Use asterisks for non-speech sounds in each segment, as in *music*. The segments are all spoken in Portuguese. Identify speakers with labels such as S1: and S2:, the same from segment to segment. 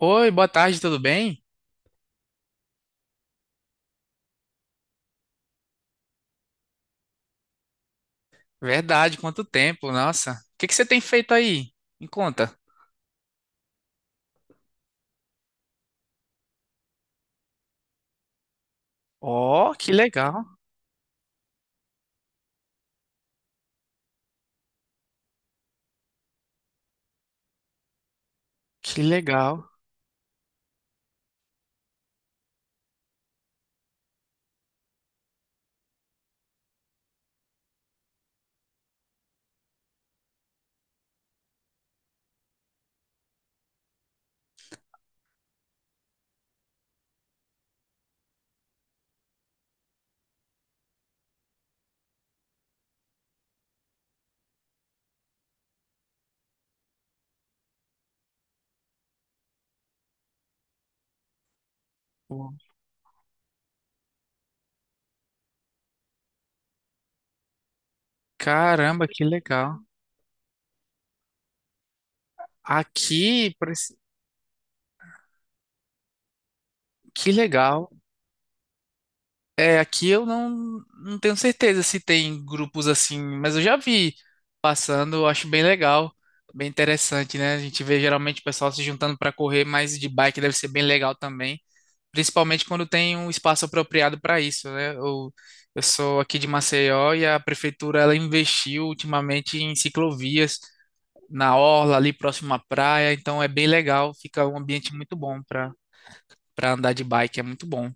S1: Oi, boa tarde, tudo bem? Verdade, quanto tempo, nossa. O que que você tem feito aí? Me conta. Oh, que legal, que legal. Caramba, que legal. Aqui, por esse- que legal. É, aqui eu não tenho certeza se tem grupos assim, mas eu já vi passando, eu acho bem legal, bem interessante, né? A gente vê geralmente o pessoal se juntando para correr, mas de bike deve ser bem legal também, principalmente quando tem um espaço apropriado para isso, né? Eu sou aqui de Maceió e a prefeitura ela investiu ultimamente em ciclovias na orla ali próximo à praia, então é bem legal, fica um ambiente muito bom para andar de bike, é muito bom.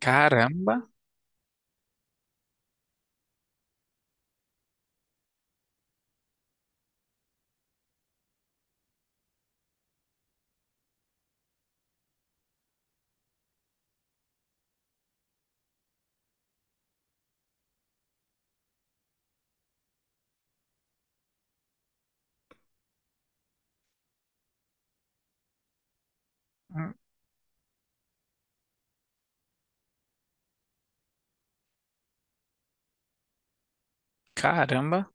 S1: Caramba, hum, caramba.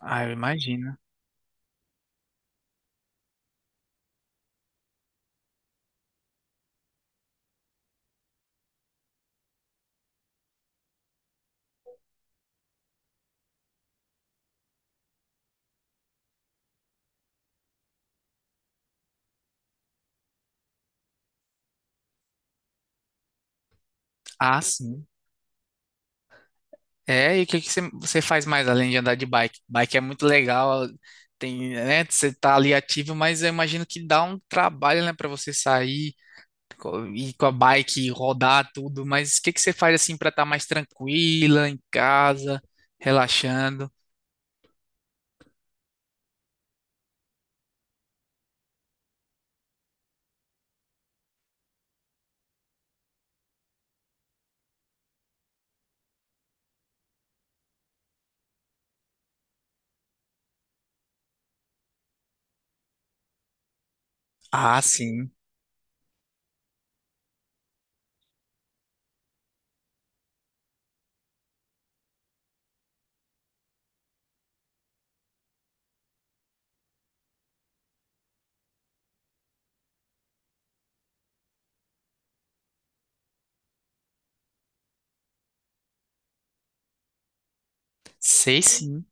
S1: Ah, eu imagino. Ah, sim. É, e o que que você faz mais além de andar de bike? Bike é muito legal, tem, né, você tá ali ativo, mas eu imagino que dá um trabalho, né, para você sair, co- ir com a bike, rodar tudo, mas o que que você faz assim para estar mais tranquila em casa, relaxando? Ah, sim. Sei sim.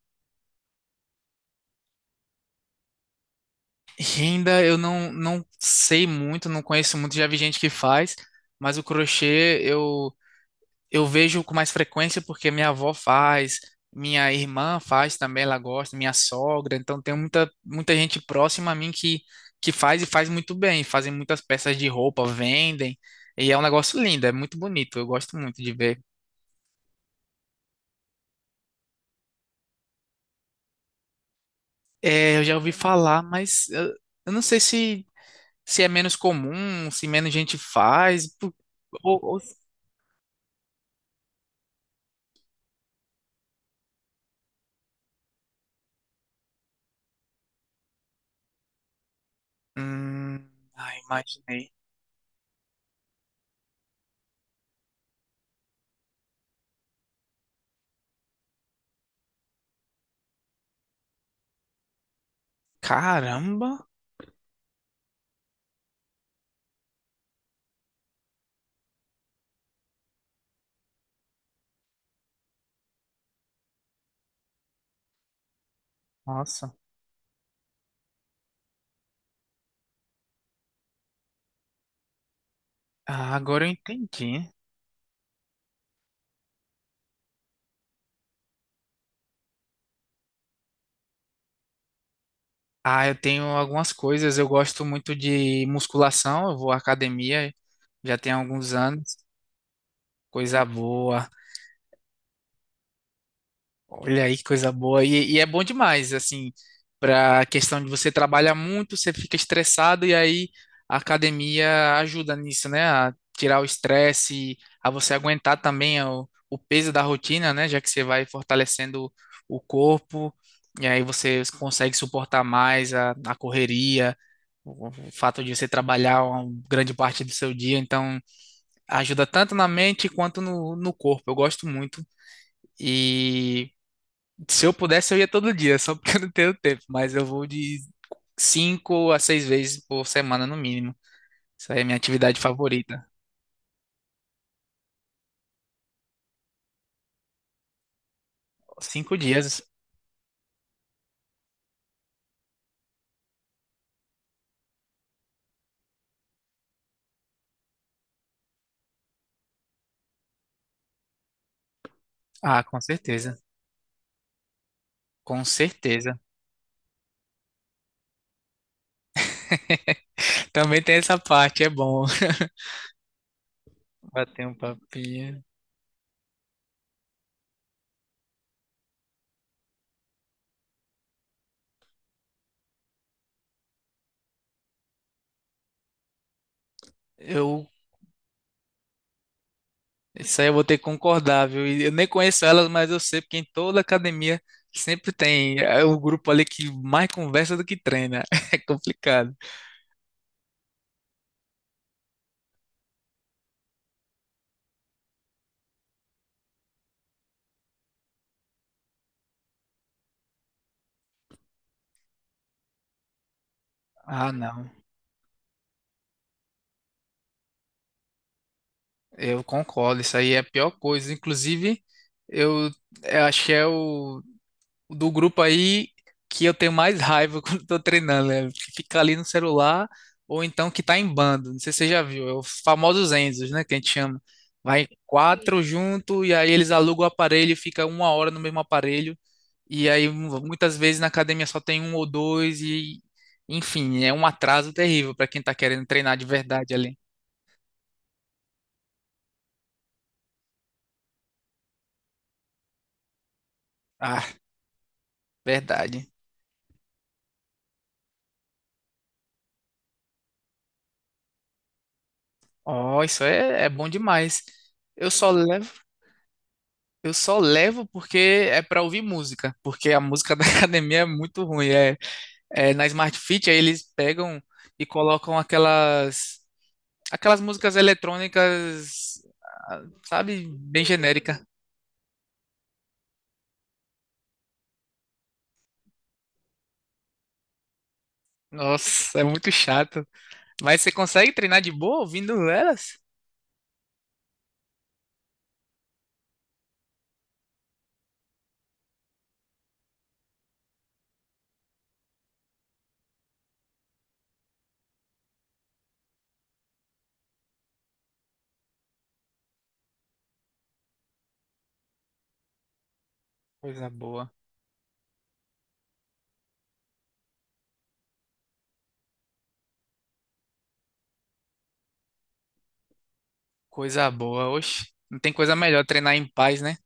S1: Renda eu não sei muito, não conheço muito, já vi gente que faz, mas o crochê eu vejo com mais frequência porque minha avó faz, minha irmã faz também, ela gosta, minha sogra, então tem muita gente próxima a mim que faz e faz muito bem, fazem muitas peças de roupa, vendem, e é um negócio lindo, é muito bonito, eu gosto muito de ver. É, eu já ouvi falar, eu não sei se, se é menos comum, se menos gente faz, pu- ou... Hum, ai, imaginei. Caramba, nossa, ah, agora eu entendi. Ah, eu tenho algumas coisas. Eu gosto muito de musculação. Eu vou à academia já tem alguns anos. Coisa boa. Olha aí que coisa boa. E é bom demais, assim, para a questão de você trabalhar muito, você fica estressado e aí a academia ajuda nisso, né? A tirar o estresse, a você aguentar também o peso da rotina, né? Já que você vai fortalecendo o corpo e aí você consegue suportar mais a correria, o fato de você trabalhar uma grande parte do seu dia. Então, ajuda tanto na mente quanto no corpo. Eu gosto muito. E. Se eu pudesse, eu ia todo dia, só porque eu não tenho tempo, mas eu vou de cinco a seis vezes por semana no mínimo. Isso aí é minha atividade favorita. Cinco dias. Ah, com certeza. Com certeza. *laughs* Também tem essa parte, é bom. *laughs* Bater um papinho. Eu, isso aí eu vou ter que concordar, viu? E eu nem conheço elas, mas eu sei, porque em toda academia sempre tem é, o grupo ali que mais conversa do que treina. *laughs* É complicado. Ah, não. Eu concordo, isso aí é a pior coisa. Inclusive, eu, eu acho que é o do grupo aí que eu tenho mais raiva *laughs* quando estou treinando, né? Que fica ali no celular ou então que tá em bando. Não sei se você já viu, é os famosos Enzos, né? Que a gente chama. Vai quatro junto e aí eles alugam o aparelho, e fica uma hora no mesmo aparelho. E aí mu- muitas vezes na academia só tem um ou dois e, enfim, é um atraso terrível para quem tá querendo treinar de verdade ali. Ah, verdade. Ó, isso é, é bom demais. Eu só levo, eu só levo porque é para ouvir música, porque a música *laughs* da academia é muito ruim. É, é na Smart Fit, aí eles pegam e colocam aquelas músicas eletrônicas, ah, sabe, bem genérica. Nossa, é muito chato. Mas você consegue treinar de boa ouvindo elas? Coisa boa, coisa boa. Oxe, não tem coisa melhor treinar em paz, né?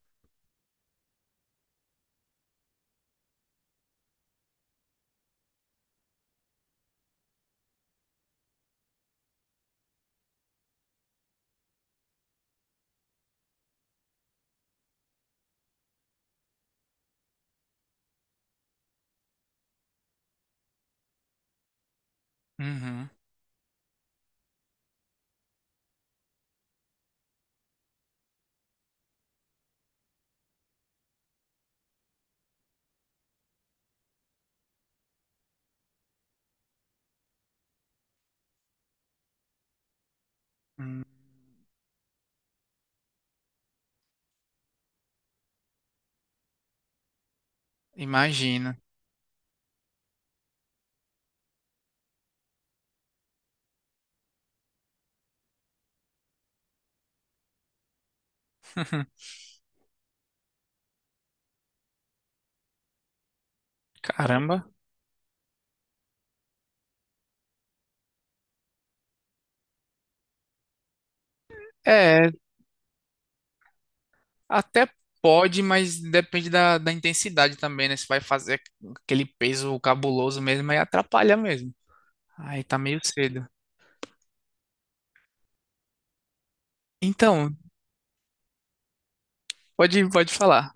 S1: Uhum. Hum, imagina. *laughs* Caramba. É, até pode, mas depende da intensidade também, né? Se vai fazer aquele peso cabuloso mesmo, aí atrapalha mesmo. Aí tá meio cedo. Então, pode, pode falar.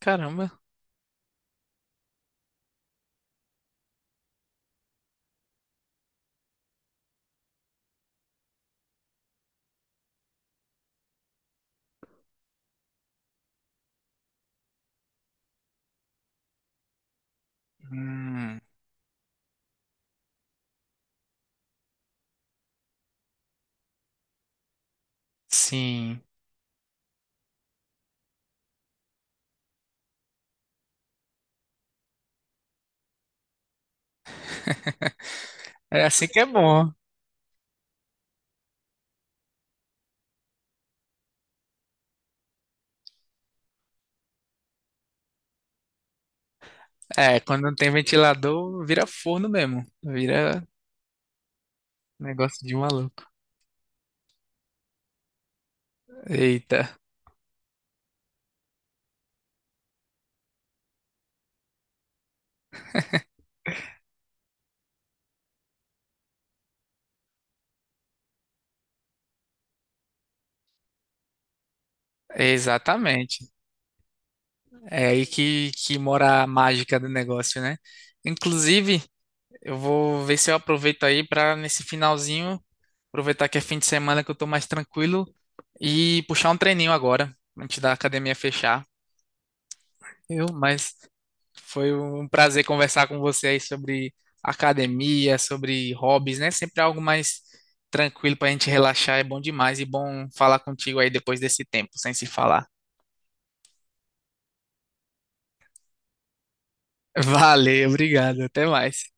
S1: Caramba. Hum, sim. É assim que é bom. É, quando não tem ventilador, vira forno mesmo. Vira negócio de maluco. Eita. Exatamente. É aí que mora a mágica do negócio, né? Inclusive, eu vou ver se eu aproveito aí para nesse finalzinho aproveitar que é fim de semana que eu tô mais tranquilo e puxar um treininho agora, antes da academia fechar, eu mas foi um prazer conversar com você aí sobre academia, sobre hobbies, né? Sempre algo mais tranquilo pra gente relaxar, é bom demais e bom falar contigo aí depois desse tempo, sem se falar. *laughs* Valeu, obrigado, até mais.